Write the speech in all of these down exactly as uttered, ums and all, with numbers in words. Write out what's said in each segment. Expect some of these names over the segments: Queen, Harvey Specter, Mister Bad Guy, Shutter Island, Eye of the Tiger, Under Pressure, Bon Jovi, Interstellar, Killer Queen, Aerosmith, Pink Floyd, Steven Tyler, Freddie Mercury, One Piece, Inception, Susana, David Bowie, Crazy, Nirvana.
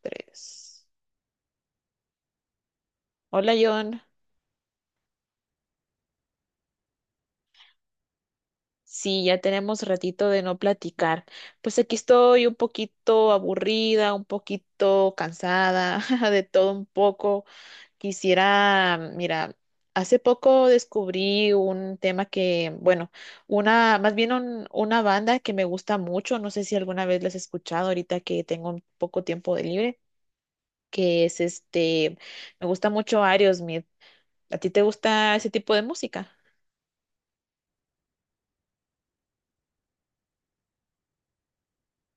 Tres. Hola, John. Sí, ya tenemos ratito de no platicar. Pues aquí estoy un poquito aburrida, un poquito cansada, de todo un poco. Quisiera, mira, hace poco descubrí un tema que, bueno, una, más bien un- una banda que me gusta mucho. No sé si alguna vez la has escuchado ahorita que tengo un poco tiempo de libre, que es este, me gusta mucho Aerosmith. ¿A ti te gusta ese tipo de música?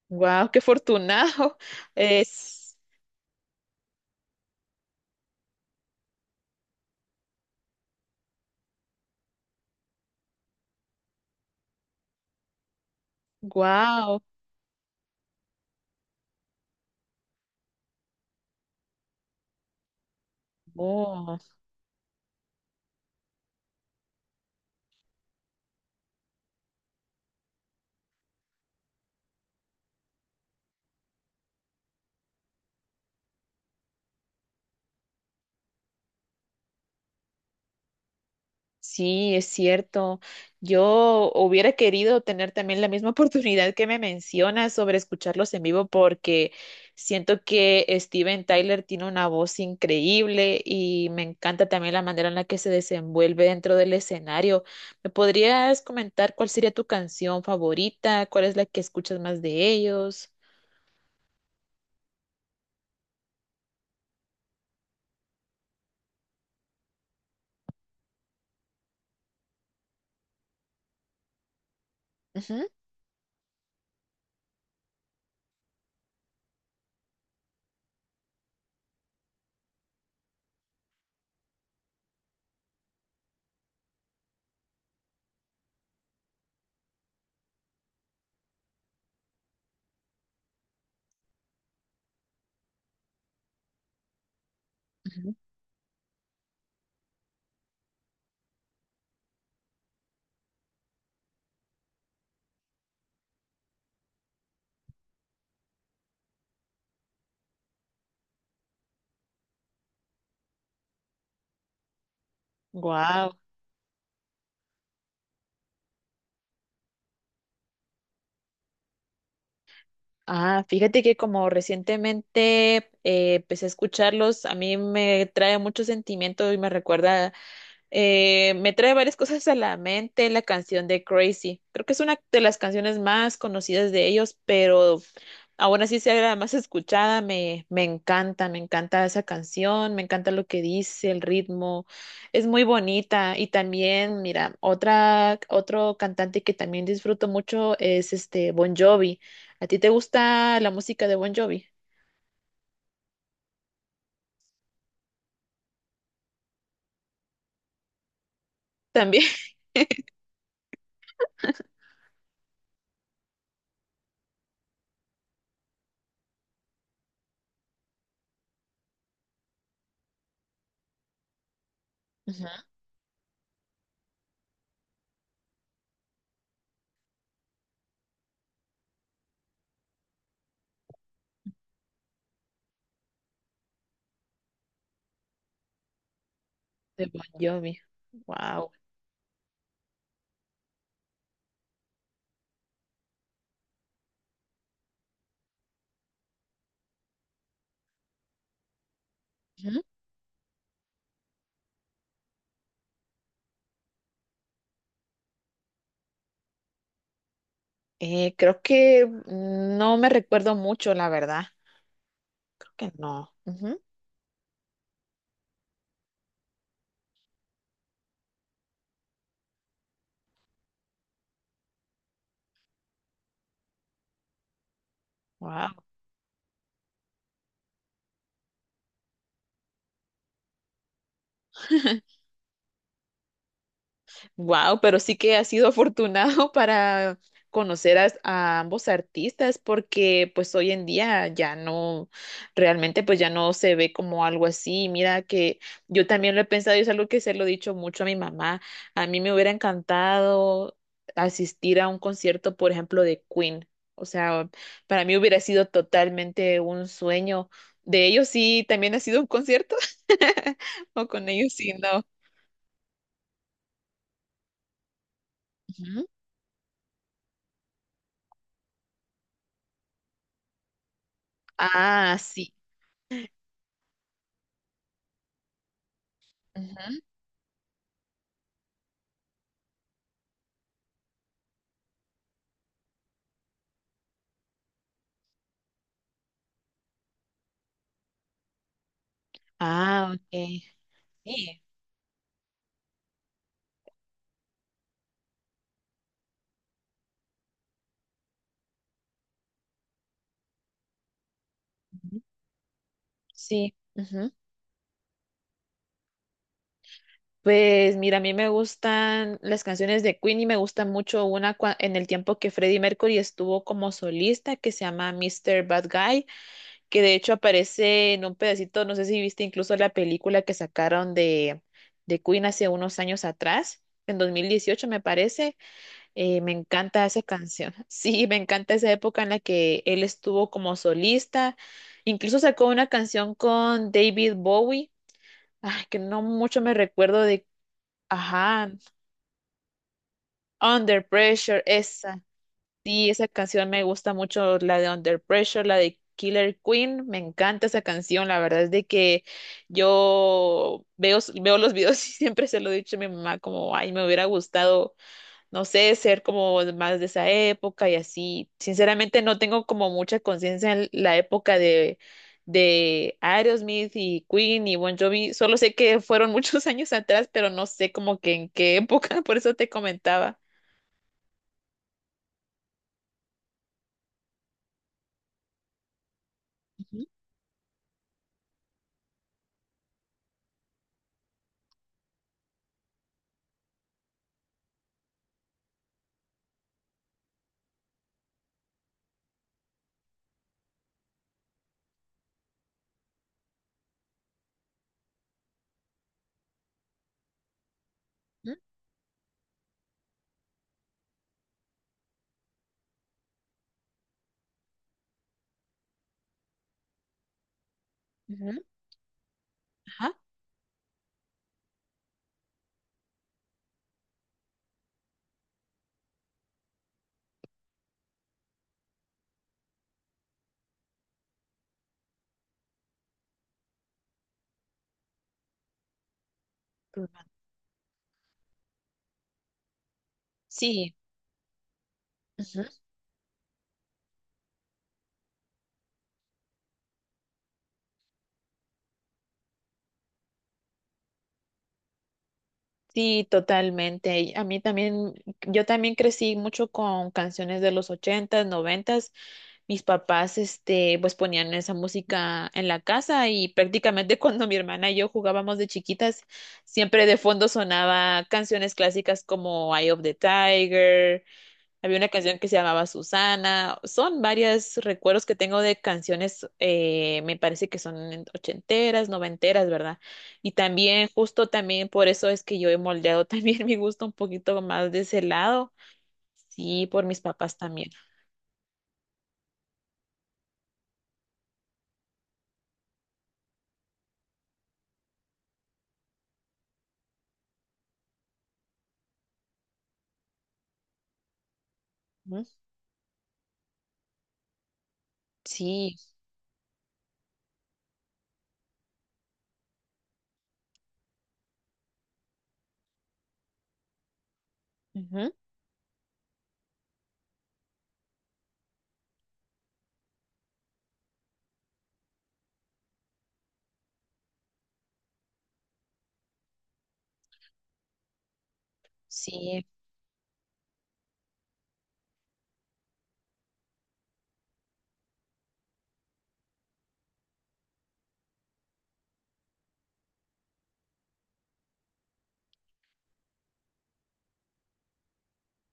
Wow, qué afortunado. Es wow. Oh, sí, es cierto. Yo hubiera querido tener también la misma oportunidad que me mencionas sobre escucharlos en vivo porque siento que Steven Tyler tiene una voz increíble y me encanta también la manera en la que se desenvuelve dentro del escenario. ¿Me podrías comentar cuál sería tu canción favorita? ¿Cuál es la que escuchas más de ellos? Wow. Ah, fíjate que como recientemente eh, empecé a escucharlos, a mí me trae mucho sentimiento y me recuerda, eh, me trae varias cosas a la mente la canción de Crazy. Creo que es una de las canciones más conocidas de ellos, pero ahora sí ser la más escuchada, me, me encanta, me encanta esa canción, me encanta lo que dice, el ritmo, es muy bonita. Y también, mira, otra, otro cantante que también disfruto mucho es este Bon Jovi. ¿A ti te gusta la música de Bon Jovi? También. Ujú. De Bon Jovi. Wow. Eh, creo que no me recuerdo mucho, la verdad. Creo que no. Wow. Wow, pero sí que has sido afortunado para conocer as- a ambos artistas, porque pues hoy en día ya no, realmente pues ya no se ve como algo así. Mira que yo también lo he pensado y es algo que se lo he dicho mucho a mi mamá. A mí me hubiera encantado asistir a un concierto, por ejemplo, de Queen. O sea, para mí hubiera sido totalmente un sueño. De ellos sí, también ha sido un concierto o con ellos sí, no. Ujú. Ah, sí. Ujú. Ah, ok. Sí. Ujú. Sí. Ujú. Pues mira, a mí me gustan las canciones de Queen y me gusta mucho una cua- en el tiempo que Freddie Mercury estuvo como solista que se llama Mister Bad Guy, que de hecho aparece en un pedacito, no sé si viste incluso la película que sacaron de, de Queen hace unos años atrás, en dos mil dieciocho me parece. Eh, me encanta esa canción. Sí, me encanta esa época en la que él estuvo como solista. Incluso sacó una canción con David Bowie. Ay, que no mucho me recuerdo de. Ajá, Under Pressure, esa. Sí, esa canción me gusta mucho, la de Under Pressure, la de Killer Queen. Me encanta esa canción. La verdad es de que yo veo, veo los videos y siempre se lo he dicho a mi mamá, como, ay, me hubiera gustado no sé, ser como más de esa época y así. Sinceramente no tengo como mucha conciencia en la época de, de Aerosmith y Queen y Bon Jovi. Solo sé que fueron muchos años atrás, pero no sé como que en qué época, por eso te comentaba. Ujú, ujú, ujú, ajá. Turban. Sí. Ujú. Sí, totalmente. Y a mí también, yo también crecí mucho con canciones de los ochentas, noventas, mis papás, este, pues ponían esa música en la casa y prácticamente cuando mi hermana y yo jugábamos de chiquitas, siempre de fondo sonaba canciones clásicas como Eye of the Tiger, había una canción que se llamaba Susana, son varios recuerdos que tengo de canciones, eh, me parece que son en- ochenteras, noventeras, ¿verdad? Y también, justo también por eso es que yo he moldeado también mi gusto un poquito más de ese lado. Sí, por mis papás también. Ujú. Sí. Ujú. Sí.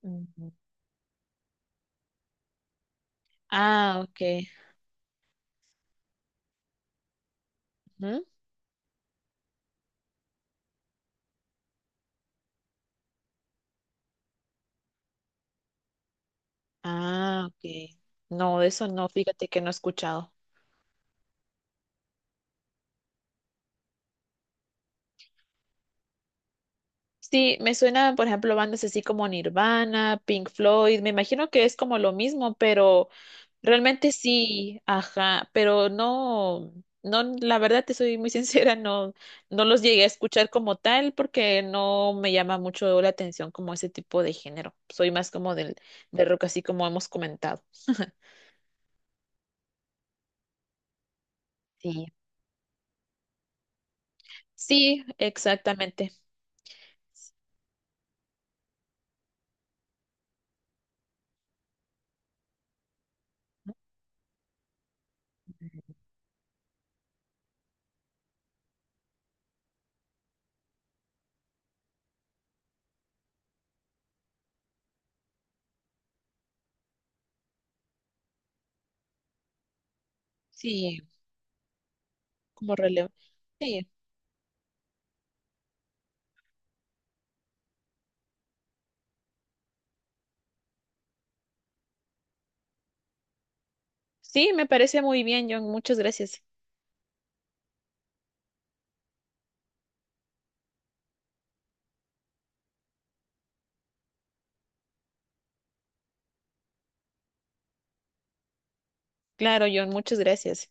Ujú. Ah, ok. Ujú. Ah, ok. No, de eso no, fíjate que no he escuchado. Sí, me suenan, por ejemplo, bandas así como Nirvana, Pink Floyd. Me imagino que es como lo mismo, pero realmente sí, ajá, pero no, no, la verdad te soy muy sincera, no, no los llegué a escuchar como tal porque no me llama mucho la atención como ese tipo de género. Soy más como del, del rock, así como hemos comentado. Sí. Sí, exactamente. Sí, como relevo. Sí, sí, me parece muy bien, John. Muchas gracias. Claro, John, muchas gracias.